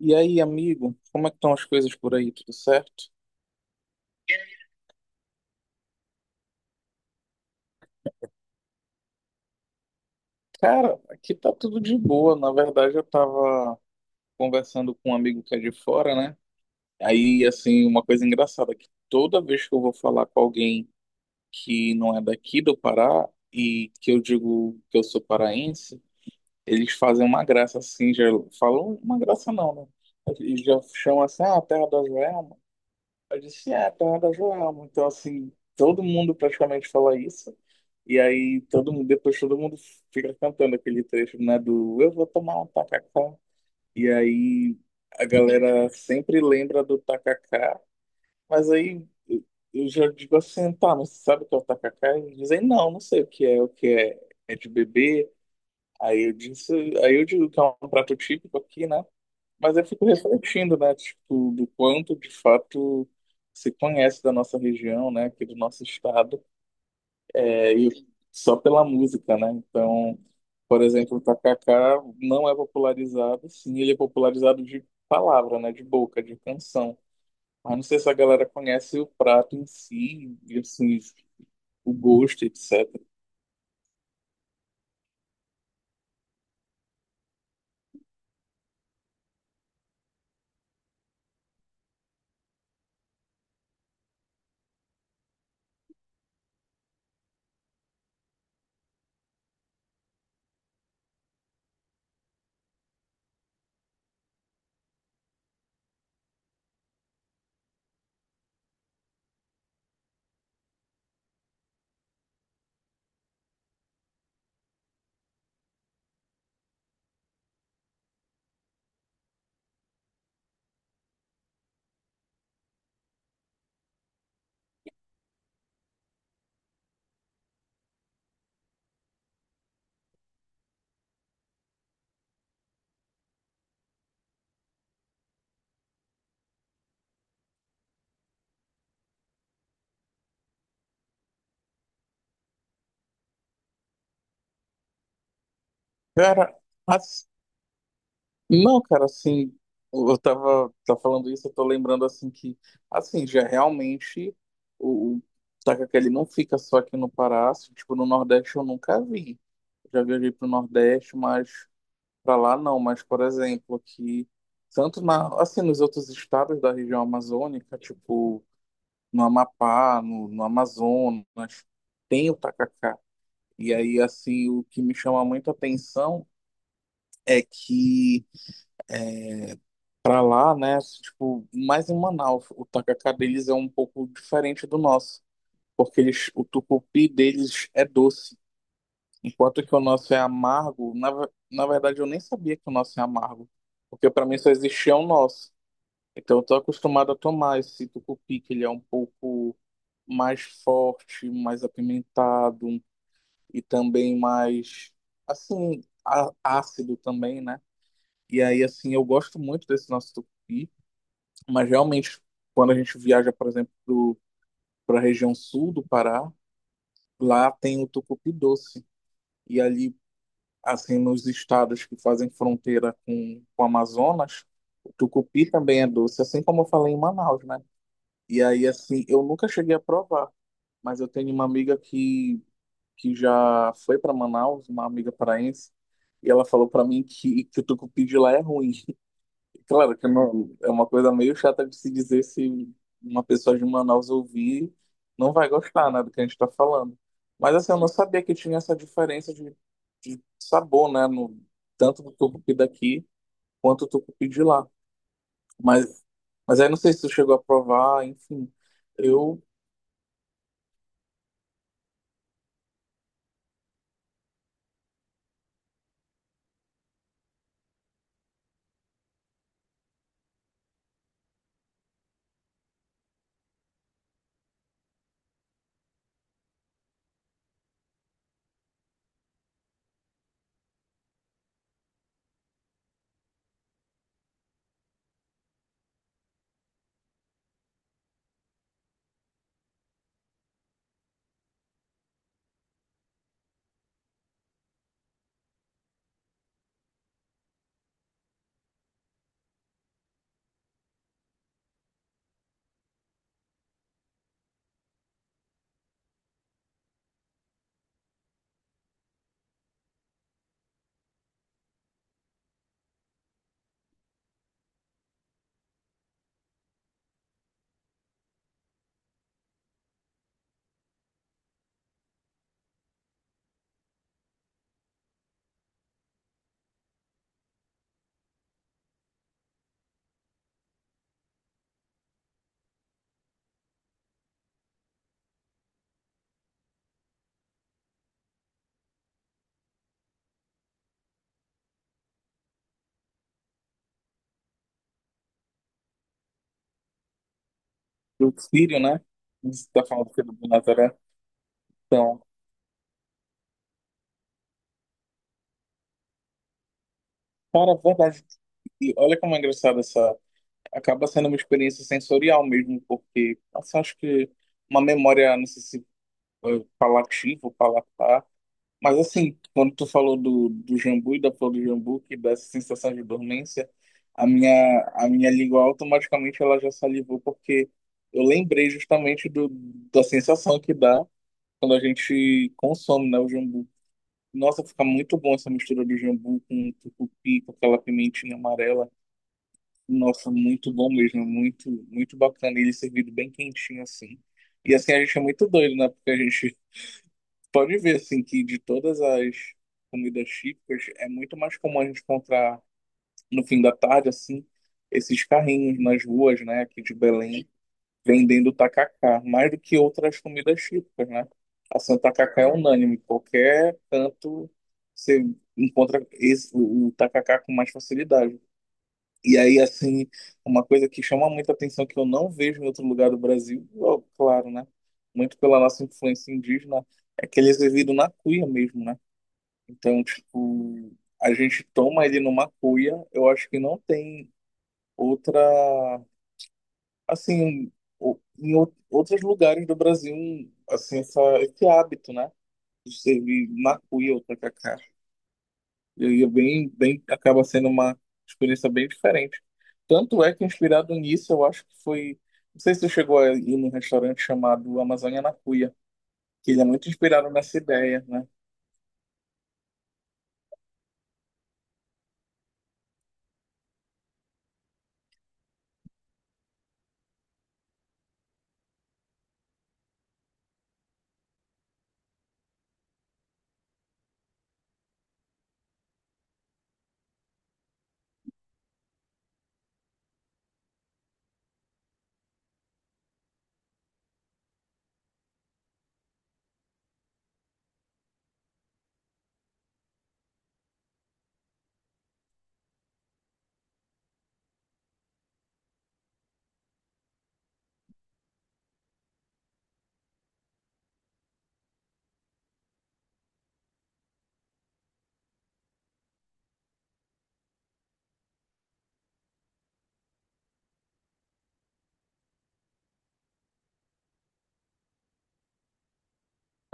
E aí, amigo, como é que estão as coisas por aí? Tudo certo? Cara, aqui tá tudo de boa. Na verdade, eu tava conversando com um amigo que é de fora, né? Aí, assim, uma coisa engraçada, é que toda vez que eu vou falar com alguém que não é daqui do Pará e que eu digo que eu sou paraense, eles fazem uma graça assim, já falam uma graça não, né? Eles já chamam assim, ah, terra da Joelma. Eu disse, é, Panda Joelma. Então, assim, todo mundo praticamente fala isso. E aí, todo mundo, depois todo mundo fica cantando aquele trecho, né, do Eu vou tomar um tacacá. E aí, a galera sempre lembra do tacacá. Mas aí, eu já digo assim, tá, mas você sabe o que é o tacacá? E eles dizem, não, não sei o que é, é de bebê. Aí eu disse, aí eu digo que é um prato típico aqui, né? Mas eu fico refletindo, né, tipo, do quanto de fato se conhece da nossa região, né, aqui do nosso estado, é, e só pela música, né? Então, por exemplo, o tacacá não é popularizado, sim, ele é popularizado de palavra, né, de boca, de canção. Mas não sei se a galera conhece o prato em si, e assim, o gosto, etc. Cara, não, cara, assim, eu tava, tá falando isso, eu tô lembrando assim que, assim, já realmente o tacacá, ele não fica só aqui no Pará, assim, tipo, no Nordeste eu nunca vi. Já viajei pro Nordeste, mas pra lá não, mas, por exemplo, aqui, tanto na, assim, nos outros estados da região amazônica, tipo, no Amapá, no Amazonas, tem o tacacá. E aí, assim, o que me chama muito a atenção é que pra lá, né? Tipo, mais em Manaus, o tacacá deles é um pouco diferente do nosso, porque eles, o tucupi deles é doce, enquanto que o nosso é amargo. Na verdade, eu nem sabia que o nosso é amargo, porque pra mim só existia o nosso. Então, eu tô acostumado a tomar esse tucupi, que ele é um pouco mais forte, mais apimentado e também mais, assim, ácido também, né? E aí, assim, eu gosto muito desse nosso tucupi. Mas realmente, quando a gente viaja, por exemplo, para a região sul do Pará, lá tem o tucupi doce. E ali, assim, nos estados que fazem fronteira com o Amazonas, o tucupi também é doce, assim como eu falei em Manaus, né? E aí, assim, eu nunca cheguei a provar, mas eu tenho uma amiga que já foi para Manaus, uma amiga paraense, e ela falou para mim que o tucupi de lá é ruim. Claro que não, é uma coisa meio chata de se dizer se uma pessoa de Manaus ouvir não vai gostar, né, do que a gente está falando. Mas assim, eu não sabia que tinha essa diferença de sabor, né, no, tanto do tucupi daqui quanto do tucupi de lá. Mas, mas aí não sei se tu chegou a provar, enfim. Eu, eu sírio, né, você está falando que é do Nazaré. Então, cara, é verdade, e olha como é engraçado essa. Acaba sendo uma experiência sensorial mesmo, porque assim, acho que uma memória, não sei se palativa ou palatar, mas assim, quando tu falou do jambu e da flor do jambu, que dá essa sensação de dormência, a minha, a minha língua automaticamente ela já salivou, porque eu lembrei justamente do, da sensação que dá quando a gente consome, né, o jambu. Nossa, fica muito bom essa mistura do jambu com tucupi, com aquela pimentinha amarela. Nossa, muito bom mesmo, muito, muito bacana. E ele servido bem quentinho assim. E assim, a gente é muito doido, né? Porque a gente pode ver assim que de todas as comidas típicas, é muito mais comum a gente encontrar no fim da tarde, assim, esses carrinhos nas ruas, né, aqui de Belém, vendendo tacacá, mais do que outras comidas típicas, né? Assim, o tacacá é unânime, qualquer canto você encontra esse, o tacacá com mais facilidade. E aí, assim, uma coisa que chama muita atenção que eu não vejo em outro lugar do Brasil, ó, claro, né? Muito pela nossa influência indígena, é que eles viviam na cuia mesmo, né? Então, tipo, a gente toma ele numa cuia, eu acho que não tem outra, assim, em outros lugares do Brasil, assim, essa, esse hábito, né? De servir na cuia o tacacá. E aí é bem, bem, acaba sendo uma experiência bem diferente. Tanto é que, inspirado nisso, eu acho que foi. Não sei se você chegou a ir num restaurante chamado Amazônia na Cuia, que ele é muito inspirado nessa ideia, né?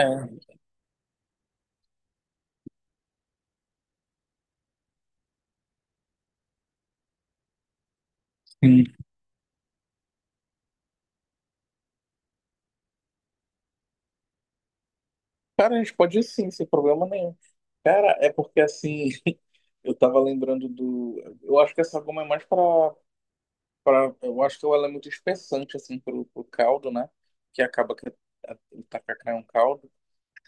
É, sim. Cara, a gente pode ir sim, sem problema nenhum. Cara, é porque assim, eu tava lembrando do. Eu acho que essa goma é mais pra. Pra eu acho que ela é muito espessante, assim, pro, pro caldo, né? Que acaba que o tacacá é um caldo.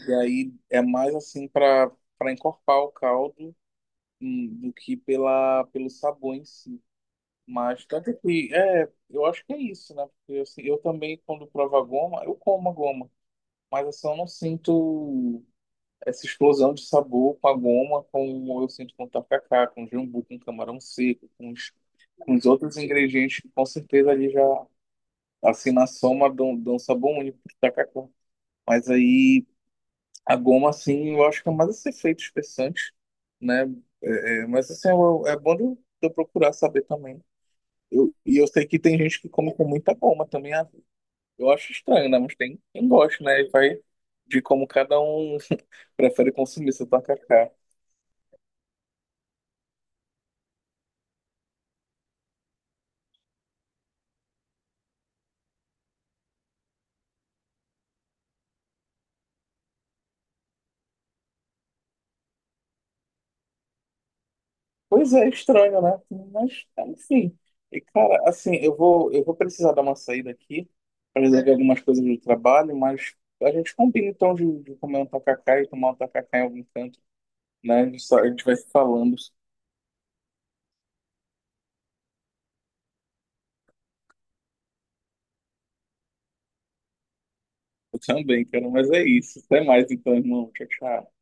E aí é mais assim para para encorpar o caldo do que pela pelo sabor em si. Mas tanto que é, eu acho que é isso, né? Porque assim, eu também quando provo a goma, eu como a goma, mas assim, eu não sinto essa explosão de sabor com a goma, como eu sinto com o tacacá, com o jambu, com o camarão seco, com os outros ingredientes que com certeza ali já assim na soma dão, dão sabor único pro tacacá. Mas aí a goma, assim, eu acho que é mais esse efeito espessante, né? É, é, mas, assim, é bom de eu procurar saber também. Eu, e eu sei que tem gente que come com muita goma também. Ah, eu acho estranho, né? Mas tem quem gosta, né? E vai de como cada um prefere consumir seu tacacá. Pois é, estranho, né? Mas, enfim. E, cara, assim, eu vou precisar dar uma saída aqui para resolver algumas coisas do trabalho, mas a gente combina, então, de comer um tacacá e tomar um tacacá em algum canto. Né? A gente só a gente vai se falando. Eu também, cara, mas é isso. Até mais então, irmão. Tchau, tchau.